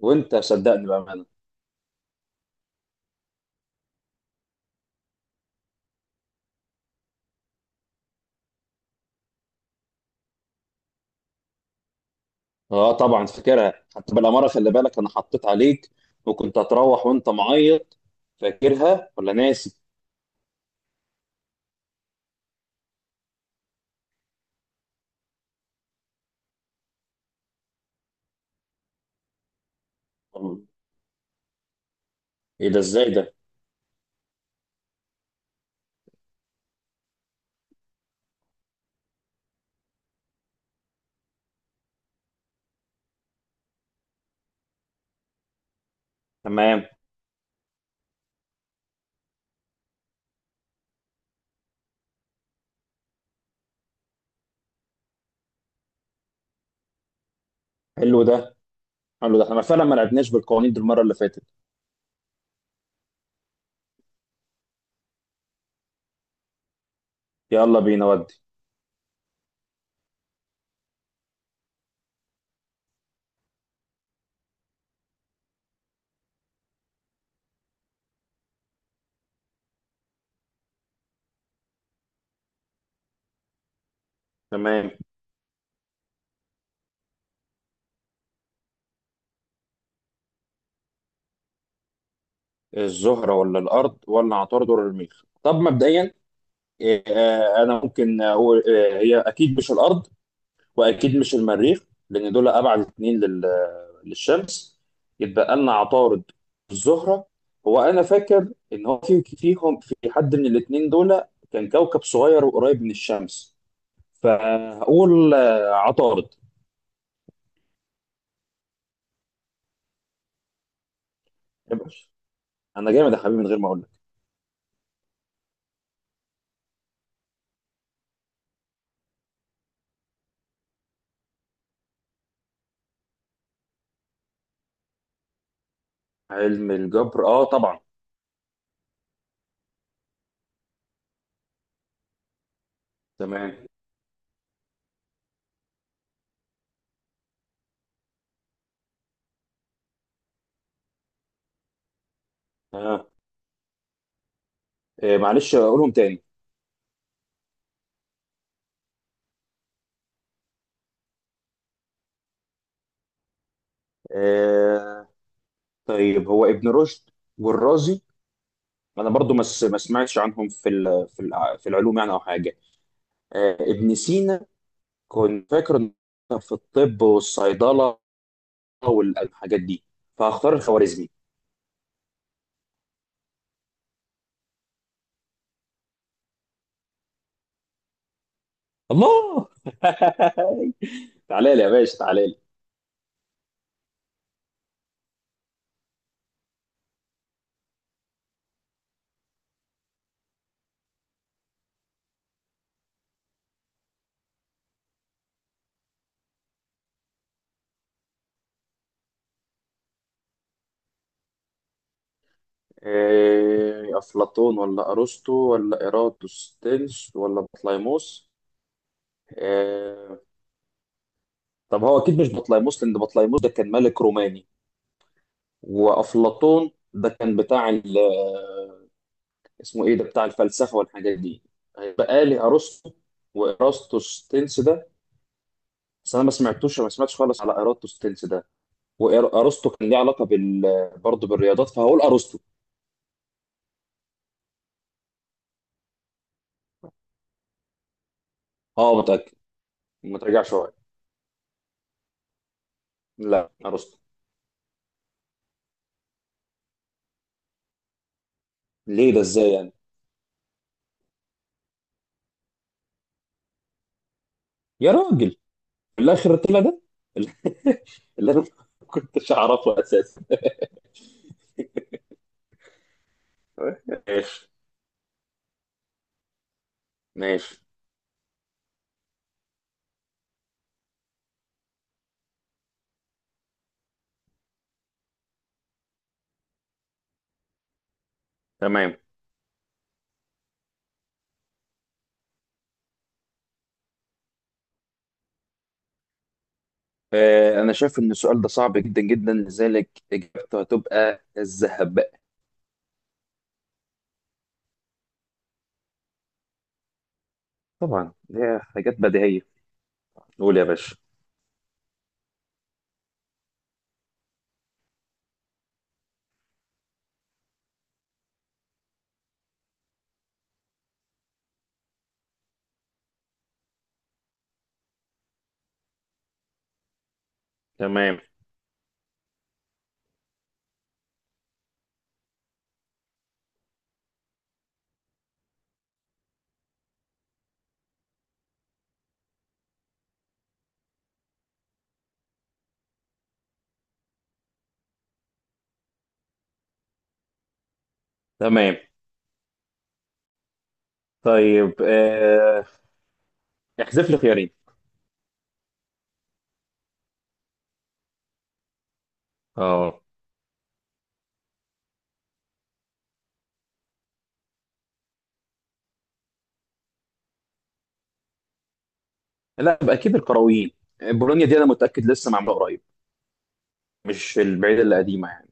وانت صدقني بامانه. اه طبعا فاكرها، حتى بالاماره خلي بالك انا حطيت عليك، وكنت هتروح وانت معيط. فاكرها ولا ناسي؟ ايه ده؟ ازاي ده؟ تمام. حلو ده حلو ده. احنا فعلا ما لعبناش بالقوانين دي المره اللي فاتت. يلا بينا ودي. تمام. الزهره ولا الارض ولا عطارد ولا المريخ؟ طب مبدئيا، إيه، آه، انا ممكن اقول. هي اكيد مش الارض، واكيد مش المريخ. لان دول ابعد اتنين للشمس. يتبقى لنا عطارد، الزهره. هو انا فاكر ان هو فيهم في حد من الاتنين دول كان كوكب صغير وقريب من الشمس، فهقول عطارد. ابقى. انا جامد يا حبيبي من غير ما اقول لك. علم الجبر اه طبعا. تمام. آه. معلش اقولهم تاني. آه. طيب هو ابن رشد والرازي انا برضو ما سمعتش عنهم في العلوم يعني او حاجه. ابن سينا كنت فاكره إنه كان في الطب والصيدله والحاجات دي، فهختار الخوارزمي. الله. تعالى لي يا باشا، تعالى لي. افلاطون ولا ارسطو ولا ايراتوستينس ولا بطليموس؟ آه، طب هو اكيد مش بطليموس، لان بطليموس ده كان ملك روماني. وافلاطون ده كان اسمه ايه ده، بتاع الفلسفه والحاجات دي. هيبقى لي ارسطو وايراتوستينس ده. بس انا ما سمعتش خالص على ارسطو ستيلز ده. وارسطو كان ليه علاقه برضه بالرياضات، فهقول ارسطو. اه متاكد. ما ترجعش شويه. لا، ارسطو. ليه ده؟ ازاي يعني؟ يا راجل، في الاخر طلع ده. اللي انا ما كنتش اعرفه اساسا. ماشي. ماشي. تمام. انا شايف ان السؤال ده صعب جدا جدا، لذلك اجابته هتبقى الذهب. طبعا دي حاجات بديهيه. قول يا باشا. تمام. تمام. طيب، احذف لي خيارين. اه. لا، يبقى اكيد القرويين. بولونيا دي انا متاكد لسه معموله قريب، مش البعيده اللي قديمه يعني.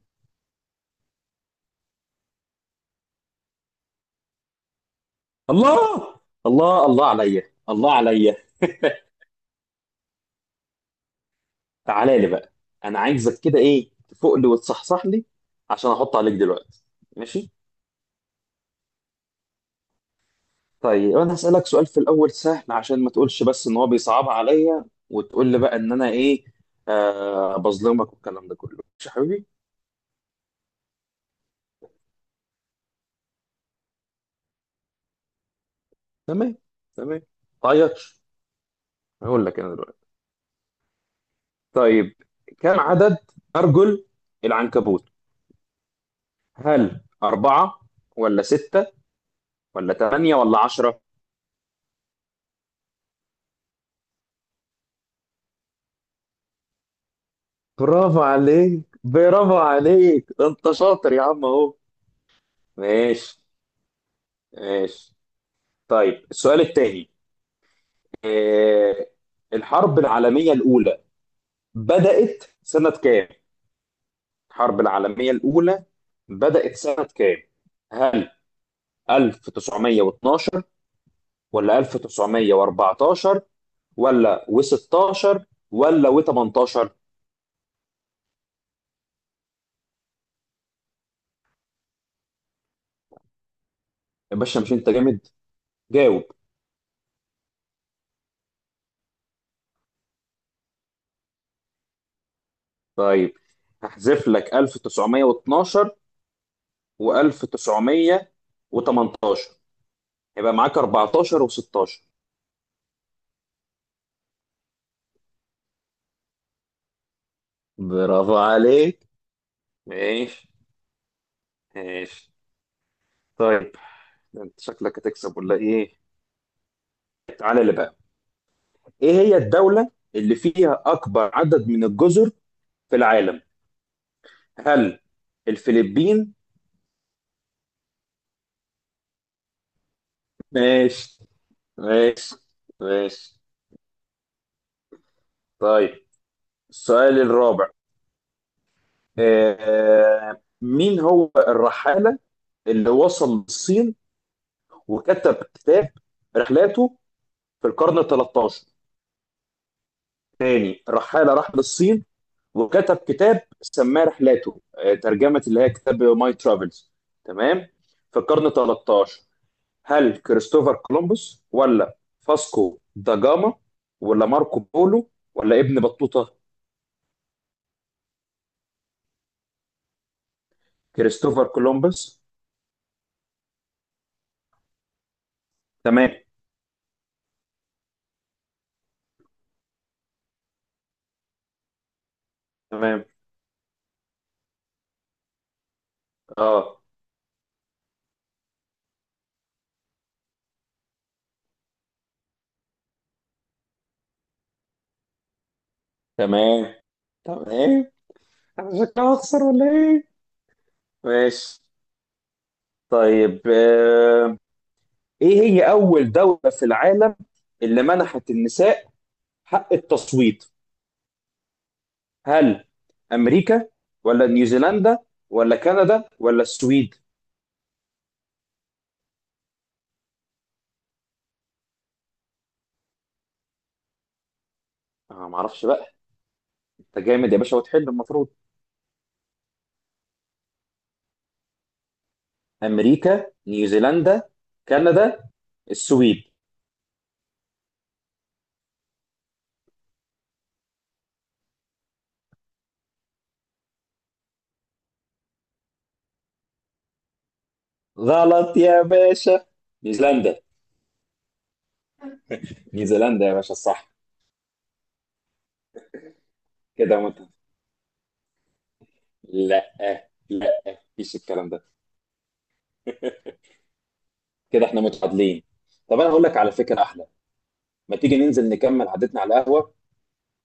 الله. الله، الله عليا. الله عليا. تعالى لي بقى. انا عايزك كده، تفوق لي وتصحصح لي عشان احط عليك دلوقتي. ماشي. طيب انا هسالك سؤال في الاول سهل، عشان ما تقولش بس ان هو بيصعبها عليا، وتقول لي بقى ان انا ايه، بظلمك والكلام ده كله. ماشي يا حبيبي. تمام. تمام. تعيطش. هقول لك انا دلوقتي. طيب، كم عدد ارجل العنكبوت؟ هل أربعة، ولا ستة، ولا تمانية، ولا عشرة؟ برافو عليك، برافو عليك، ده انت شاطر يا عم اهو. ماشي. ماشي. طيب، السؤال التاني، إيه؟ الحرب العالمية الأولى بدأت سنة كام؟ الحرب العالمية الأولى بدأت سنة كام؟ هل 1912، ولا 1914، ولا و16، ولا و18؟ يا باشا مش انت جامد؟ جاوب. طيب هحذف لك 1912 و1918، هيبقى معاك 14 و16. برافو عليك. ماشي. ماشي. طيب، انت شكلك هتكسب ولا ايه؟ تعالى اللي بقى. ايه هي الدولة اللي فيها اكبر عدد من الجزر في العالم؟ هل الفلبين؟ ماشي. ماشي. ماشي. طيب، السؤال الرابع، مين هو الرحالة اللي وصل للصين وكتب كتاب رحلاته في القرن ال 13؟ تاني رحالة راح للصين وكتب كتاب سماه رحلاته، ترجمة اللي هي كتاب ماي ترافلز. تمام. في القرن ال 13. هل كريستوفر كولومبوس، ولا فاسكو دا جاما، ولا ماركو بولو، ولا ابن بطوطة؟ كريستوفر كولومبوس؟ تمام. تمام. اه. تمام. تمام. انا شكلها هخسر ولا ايه؟ ماشي. طيب، ايه هي اول دولة في العالم اللي منحت النساء حق التصويت؟ هل امريكا، ولا نيوزيلندا، ولا كندا، ولا السويد؟ انا ما اعرفش بقى. انت جامد يا باشا، وتحل المفروض. امريكا، نيوزيلندا، كندا، السويد. غلط يا باشا. نيوزيلندا. نيوزيلندا يا باشا، صح. كده وانت. لا، لا، مفيش الكلام ده. كده احنا متعادلين. طب انا هقول لك على فكره احلى. ما تيجي ننزل نكمل عادتنا على القهوه،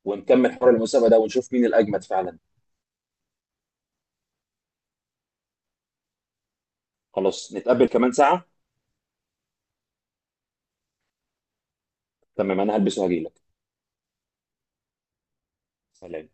ونكمل حوار المسابقه ده ونشوف مين الاجمد فعلا. خلاص، نتقابل كمان ساعه. تمام، انا هلبس وهجيلك. سلام.